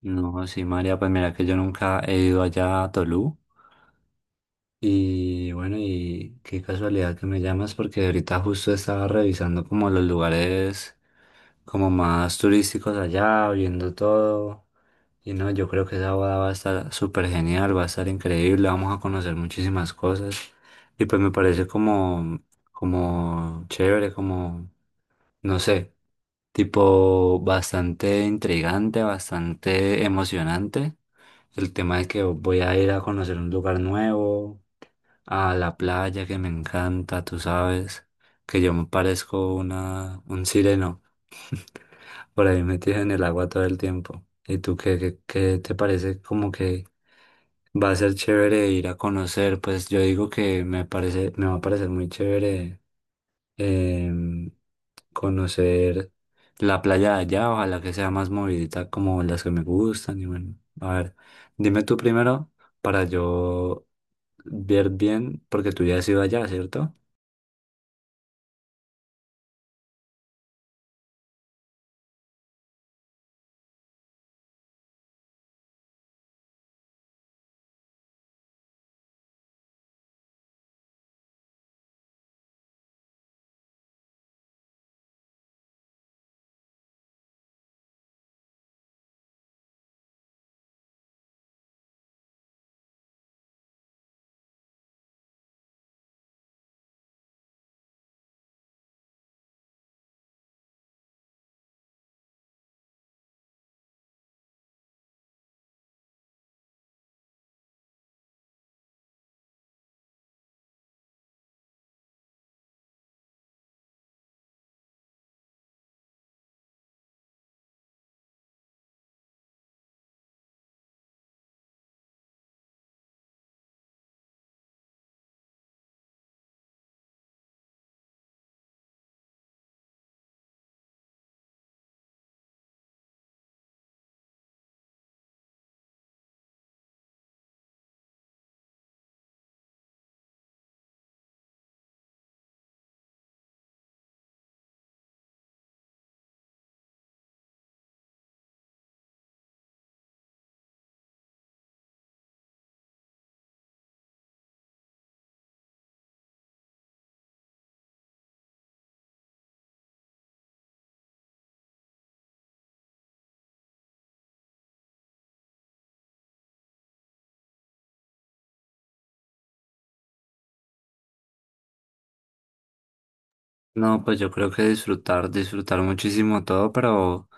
No, sí, María, pues mira que yo nunca he ido allá a Tolú. Y bueno, y qué casualidad que me llamas porque ahorita justo estaba revisando como los lugares como más turísticos allá, viendo todo. Y no, yo creo que esa boda va a estar súper genial, va a estar increíble, vamos a conocer muchísimas cosas. Y pues me parece como, como chévere, como, no sé, tipo bastante intrigante, bastante emocionante. El tema de que voy a ir a conocer un lugar nuevo, a la playa que me encanta, tú sabes, que yo me parezco un sireno. Por ahí metido en el agua todo el tiempo. ¿Y tú qué te parece como que va a ser chévere ir a conocer? Pues yo digo que me parece, me va a parecer muy chévere. eh, Conocer la playa de allá, ojalá que sea más movidita como las que me gustan. Y bueno, a ver, dime tú primero para yo ver bien, porque tú ya has ido allá, ¿cierto? No, pues yo creo que disfrutar, disfrutar muchísimo todo, pero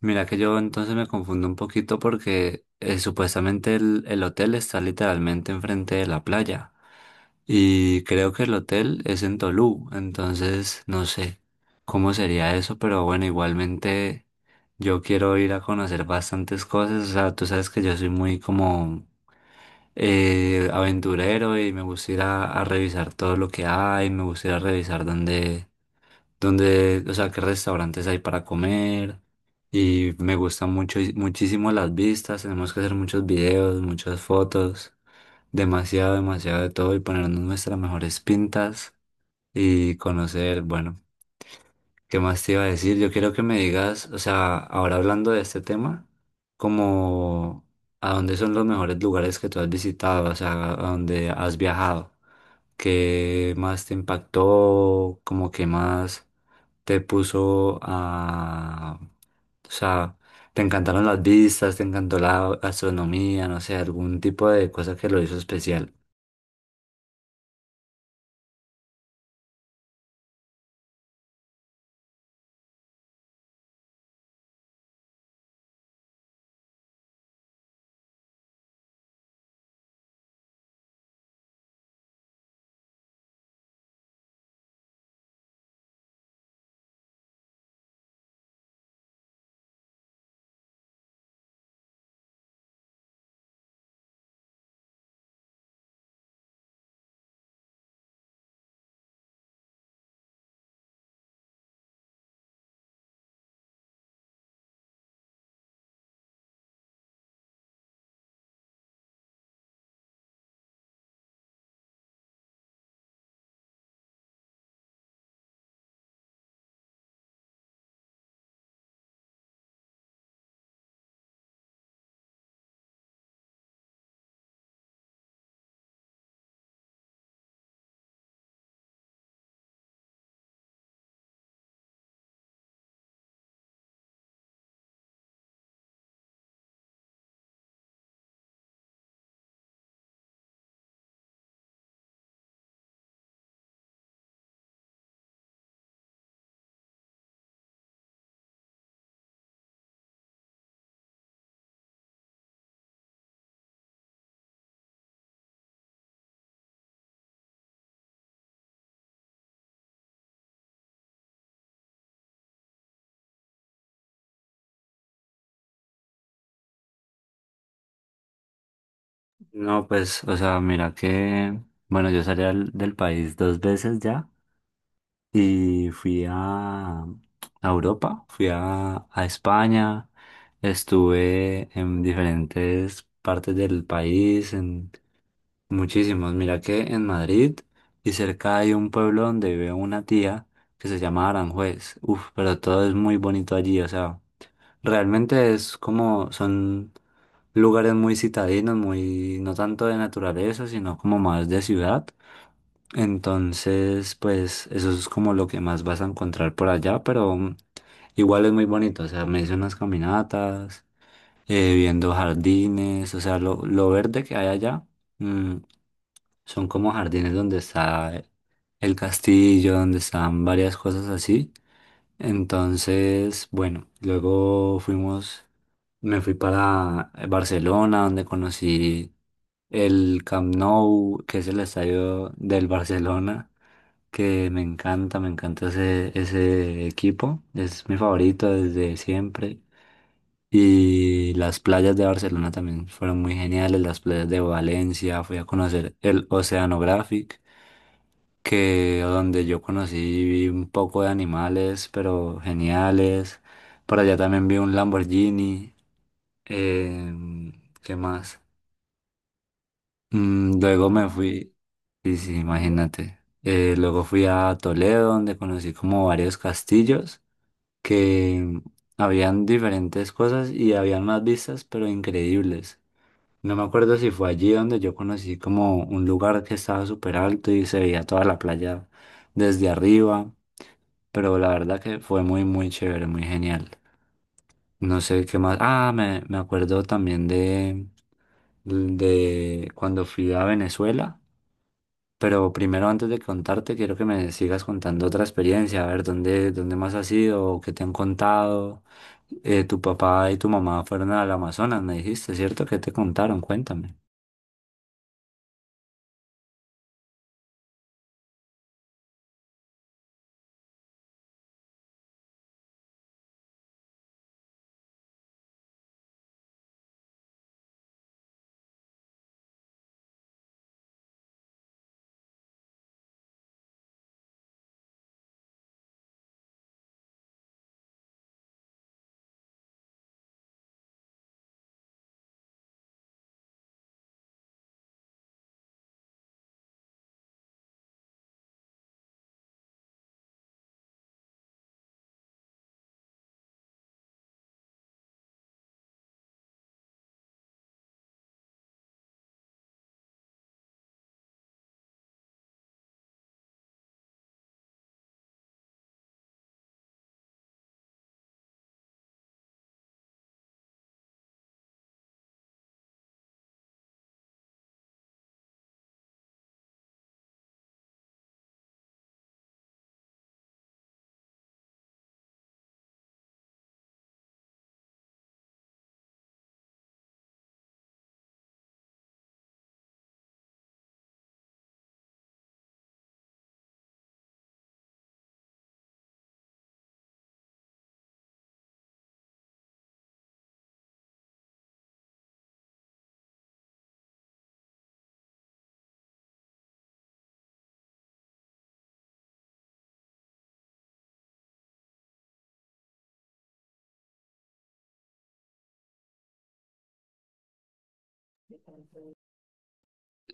mira que yo entonces me confundo un poquito porque supuestamente el hotel está literalmente enfrente de la playa y creo que el hotel es en Tolú, entonces no sé cómo sería eso, pero bueno, igualmente yo quiero ir a conocer bastantes cosas, o sea, tú sabes que yo soy muy como aventurero y me gusta ir a revisar todo lo que hay, me gusta ir a revisar dónde donde, o sea, qué restaurantes hay para comer. Y me gustan mucho, muchísimo las vistas. Tenemos que hacer muchos videos, muchas fotos, demasiado, demasiado de todo y ponernos nuestras mejores pintas y conocer, bueno, ¿qué más te iba a decir? Yo quiero que me digas, o sea, ahora hablando de este tema, como a dónde son los mejores lugares que tú has visitado, o sea, a dónde has viajado. ¿Qué más te impactó? ¿Como qué más te puso a...? O sea, te encantaron las vistas, te encantó la astronomía, no sé, algún tipo de cosa que lo hizo especial. No, pues, o sea, mira que, bueno, yo salí del país dos veces ya y fui a Europa, fui a España, estuve en diferentes partes del país, muchísimos. Mira que en Madrid y cerca hay un pueblo donde vive una tía que se llama Aranjuez. Uf, pero todo es muy bonito allí. O sea, realmente es como, son lugares muy citadinos, muy, no tanto de naturaleza, sino como más de ciudad. Entonces, pues eso es como lo que más vas a encontrar por allá, pero igual es muy bonito. O sea, me hice unas caminatas, viendo jardines, o sea, lo verde que hay allá. mm, Son como jardines donde está el castillo, donde están varias cosas así. Entonces, bueno, luego fuimos, me fui para Barcelona, donde conocí el Camp Nou, que es el estadio del Barcelona, que me encanta ese equipo, es mi favorito desde siempre. Y las playas de Barcelona también fueron muy geniales, las playas de Valencia, fui a conocer el Oceanographic. Que donde yo conocí un poco de animales, pero geniales. Por allá también vi un Lamborghini. em, ¿Qué más? Luego me fui, sí, sí, imagínate. Luego fui a Toledo, donde conocí como varios castillos que habían diferentes cosas y habían más vistas, pero increíbles. No me acuerdo si fue allí donde yo conocí como un lugar que estaba súper alto y se veía toda la playa desde arriba. Pero la verdad que fue muy, muy chévere, muy genial. No sé qué más. Ah, me acuerdo también de cuando fui a Venezuela, pero primero antes de contarte, quiero que me sigas contando otra experiencia, a ver dónde más has ido, qué te han contado. Tu papá y tu mamá fueron al Amazonas, me dijiste, ¿cierto? ¿Qué te contaron? Cuéntame.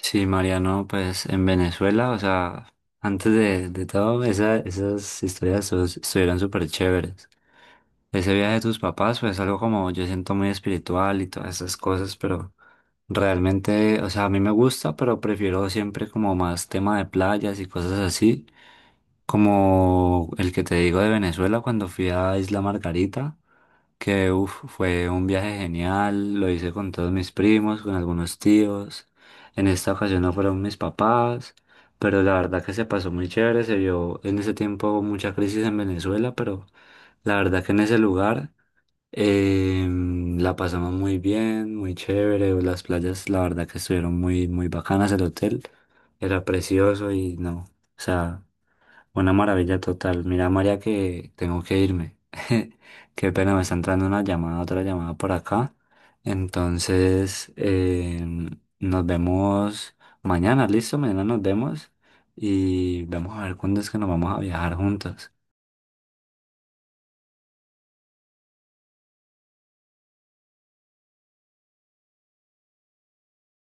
Sí, Mariano, pues en Venezuela, o sea, antes de todo, esas historias estuvieron súper chéveres. Ese viaje de tus papás, pues algo como yo siento muy espiritual y todas esas cosas, pero realmente, o sea, a mí me gusta, pero prefiero siempre como más tema de playas y cosas así, como el que te digo de Venezuela cuando fui a Isla Margarita que uf, fue un viaje genial, lo hice con todos mis primos, con algunos tíos. En esta ocasión no fueron mis papás, pero la verdad que se pasó muy chévere, se vio en ese tiempo mucha crisis en Venezuela, pero la verdad que en ese lugar la pasamos muy bien, muy chévere, las playas la verdad que estuvieron muy, muy bacanas, el hotel era precioso y no, o sea... Una maravilla total. Mira, María, que tengo que irme. Qué pena, me está entrando una llamada, otra llamada por acá. Entonces, nos vemos mañana, ¿listo? Mañana nos vemos y vamos a ver cuándo es que nos vamos a viajar juntos.